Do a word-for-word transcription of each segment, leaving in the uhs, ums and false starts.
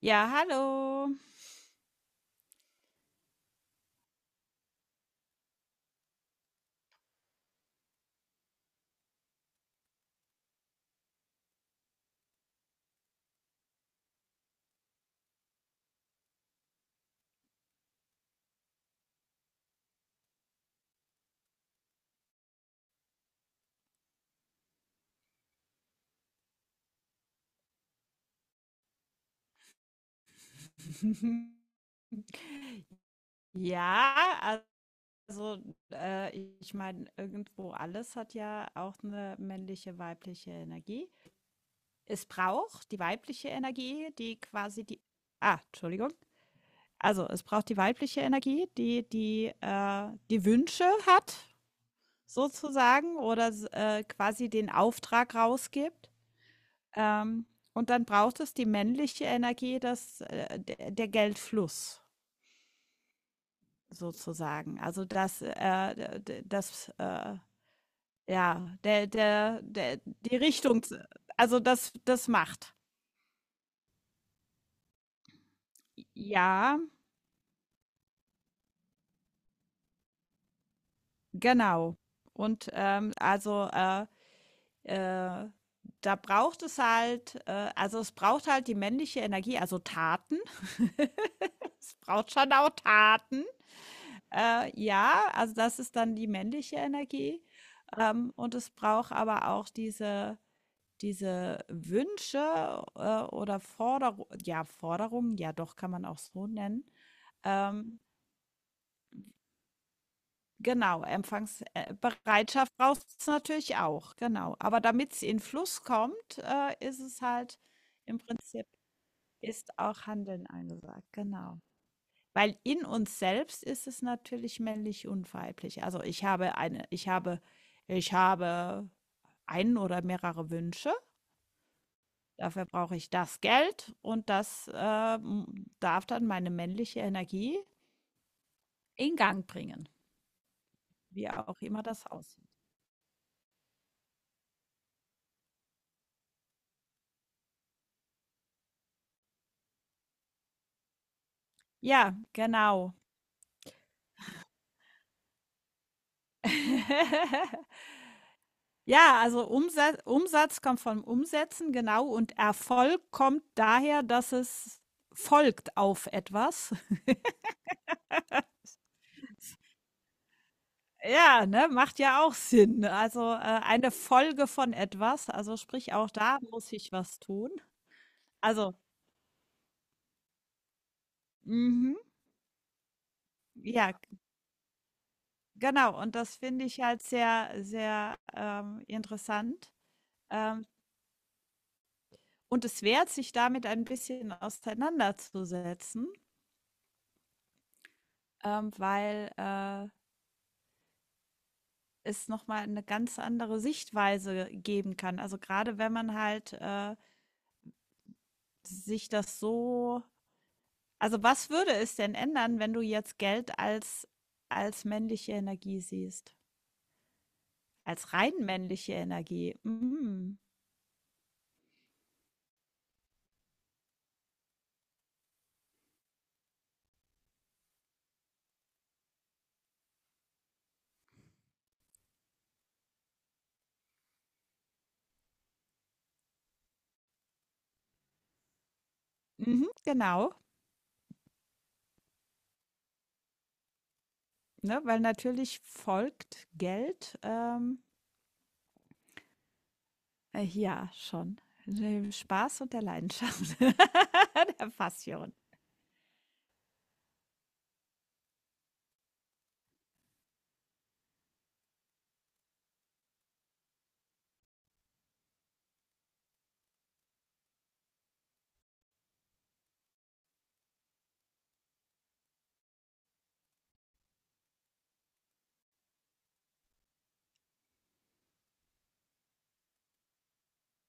Ja, hallo. Ja, also, äh, ich meine, irgendwo alles hat ja auch eine männliche, weibliche Energie. Es braucht die weibliche Energie, die quasi die ah, Entschuldigung. Also, es braucht die weibliche Energie, die die, äh, die Wünsche hat sozusagen oder s äh, quasi den Auftrag rausgibt. Ähm, und dann braucht es die männliche Energie, das äh, der der Geldfluss sozusagen. Also das, äh, das, äh, ja, der, der, der, die Richtung, also das, das macht. Ja, genau. Und ähm, also äh, äh, da braucht es halt, äh, also es braucht halt die männliche Energie, also Taten. Es braucht schon auch Taten. Äh, ja, also das ist dann die männliche Energie. Ähm, und es braucht aber auch diese diese Wünsche, äh, oder Forderu ja, Forderungen, ja doch, kann man auch so nennen. Ähm, genau, Empfangsbereitschaft braucht es natürlich auch, genau. Aber damit damit's in Fluss kommt, äh, ist es halt im Prinzip ist auch Handeln angesagt, genau. Weil in uns selbst ist es natürlich männlich und weiblich. Also, ich habe eine ich habe ich habe einen oder mehrere Wünsche. Dafür brauche ich das Geld und das, ähm, darf dann meine männliche Energie in Gang bringen, wie auch immer das aussieht. Ja, genau. Ja, also Umsatz, Umsatz kommt vom Umsetzen, genau, und Erfolg kommt daher, dass es folgt auf etwas. Ja, ne, macht ja auch Sinn. Also, äh, eine Folge von etwas, also sprich auch da muss ich was tun. Also, mhm, ja. Genau, und das finde ich halt sehr, sehr, ähm, interessant. Ähm, und es wert, sich damit ein bisschen auseinanderzusetzen, ähm, weil, äh, es noch mal 'ne ganz andere Sichtweise geben kann. Also, gerade wenn man halt, äh, sich das so, also, was würde es denn ändern, wenn du jetzt Geld als als männliche Energie siehst? Als rein männliche Energie. Mhm. Mhm, genau. Ne, weil natürlich folgt Geld, ähm, äh, ja, schon. Dem Spaß und der Leidenschaft, der Passion.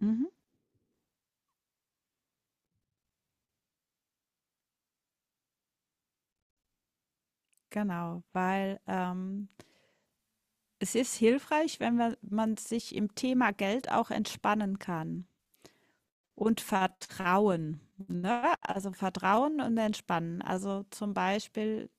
Mhm, genau, weil ähm, es ist hilfreich, wenn wir, man sich im Thema Geld auch entspannen kann und Vertrauen. Ne? Also Vertrauen und Entspannen. Also zum Beispiel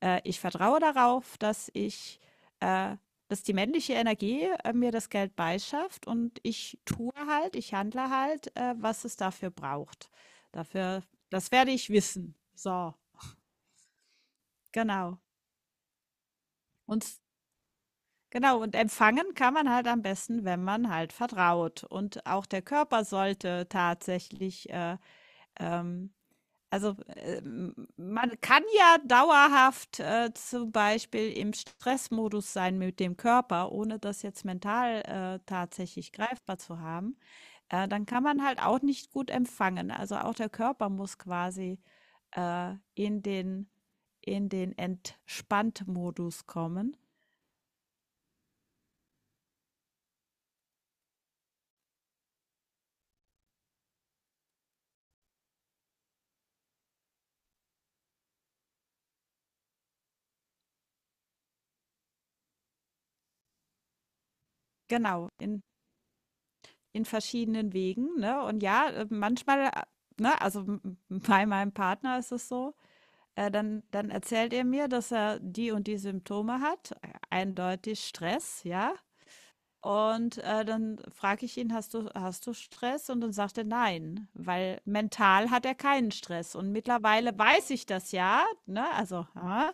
äh, ich vertraue darauf, dass ich, äh, dass die männliche Energie äh, mir das Geld beischafft und ich tue halt, ich handle halt, äh, was es dafür braucht. Dafür, das werde ich wissen. So, genau. Und s- genau, und empfangen kann man halt am besten, wenn man halt vertraut. Und auch der Körper sollte tatsächlich äh, ähm, Also, ähm, man kann ja dauerhaft, äh, zum Beispiel im Stressmodus sein mit dem Körper, ohne das jetzt mental, äh, tatsächlich greifbar zu haben. Äh, dann kann man halt auch nicht gut empfangen. Also auch der Körper muss quasi, äh, in den in den Entspannt-Modus kommen. Genau, in in verschiedenen Wegen, ne? Und ja, äh, manchmal, äh, ne, also m bei meinem Partner ist es so. Äh, dann dann erzählt er mir, dass er die und die Symptome hat, eindeutig Stress, ja? Und, äh, dann frage ich ihn: „Hast du hast du Stress?“ Und dann sagt er: „Nein“, weil mental hat er keinen Stress. Und mittlerweile weiß ich das ja, ne? Also, aha,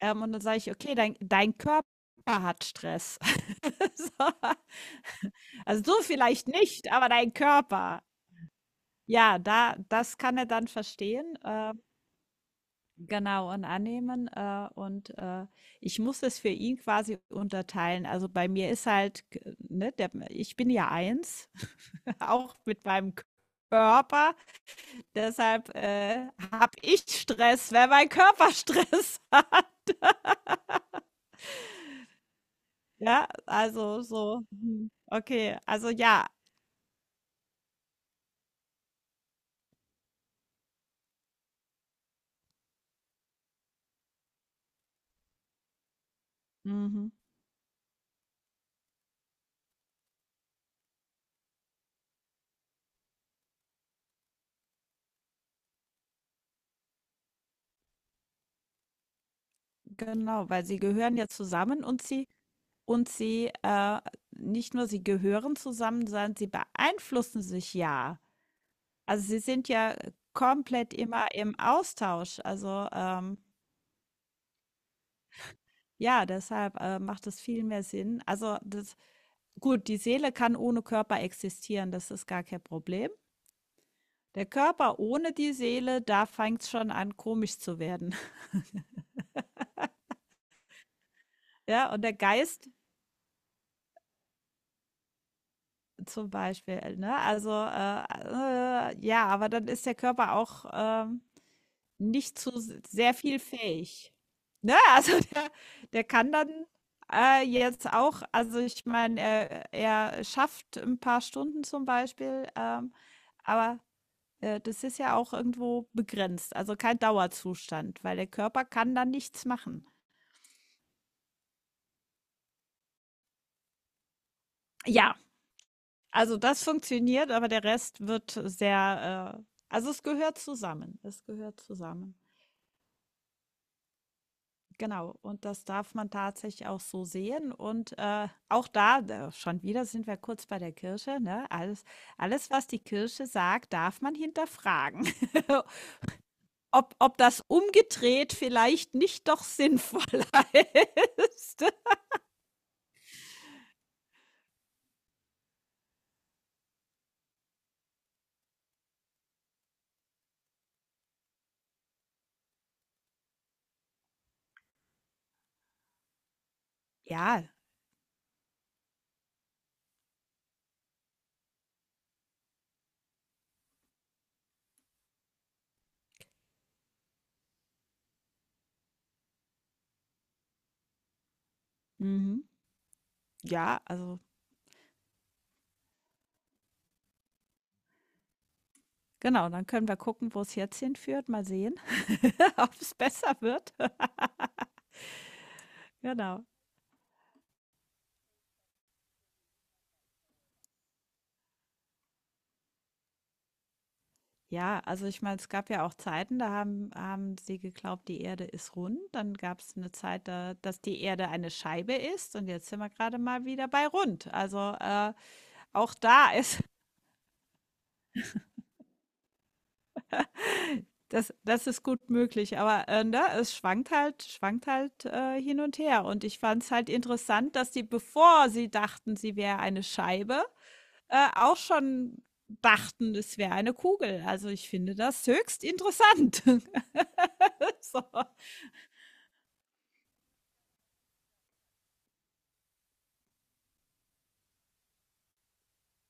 ähm, und dann sage ich: „Okay, dein dein Körper hat Stress.“ So. Also, du vielleicht nicht, aber dein Körper. Ja, da das kann er dann verstehen, ähm Genau, und annehmen. Äh, und äh, ich muss es für ihn quasi unterteilen. Also bei mir ist halt, k- ne, der, ich bin ja eins, auch mit meinem Körper. Deshalb äh, habe ich Stress, wenn mein Körper Stress hat. Ja, also so. hm, Okay, also ja, mhm, genau, weil sie gehören ja zusammen und sie und sie äh, nicht nur sie gehören zusammen, sondern sie beeinflussen sich ja. Also, Sie sind ja komplett immer im Austausch. Also, ähm, ja, deshalb, äh, macht es viel mehr Sinn. Also, das Gut, die Seele kann ohne Körper existieren, das ist gar kein Problem. Der Körper ohne die Seele, da fängt's schon an, komisch zu werden. Ja, und der Geist zum Beispiel, ne? Also, äh, äh, ja, aber dann ist der Körper auch, ähm nicht zu s sehr viel fähig. Ne, also der der kann dann, äh, jetzt auch, also ich meine, er er schafft ein paar Stunden zum Beispiel, ähm, aber, äh, das ist ja auch irgendwo begrenzt, also kein Dauerzustand, weil der Körper kann dann nichts machen. Ja, also das funktioniert, aber der Rest wird sehr, äh also es gehört zusammen. Es gehört zusammen. Genau, und das darf man tatsächlich auch so sehen. Und äh, auch da, äh, schon wieder sind wir kurz bei der Kirche, ne? Alles, alles, was die Kirche sagt, darf man hinterfragen. Ob, ob das umgedreht vielleicht nicht doch sinnvoller ist. Ja, mhm. Ja, also genau, dann können wir gucken, wo es jetzt hinführt. Mal sehen, ob es besser wird. Genau. Ja, also ich meine, es gab ja auch Zeiten, da haben, haben sie geglaubt, die Erde ist rund. Dann gab es eine Zeit, da, dass die Erde eine Scheibe ist. Und jetzt sind wir gerade mal wieder bei rund. Also äh, auch da ist, das, das ist gut möglich. Aber äh, ne, es schwankt halt, schwankt halt äh, hin und her. Und ich fand es halt interessant, dass die, bevor sie dachten, sie wäre eine Scheibe, äh, auch schon dachten, es wäre eine Kugel. Also ich finde das höchst interessant. So.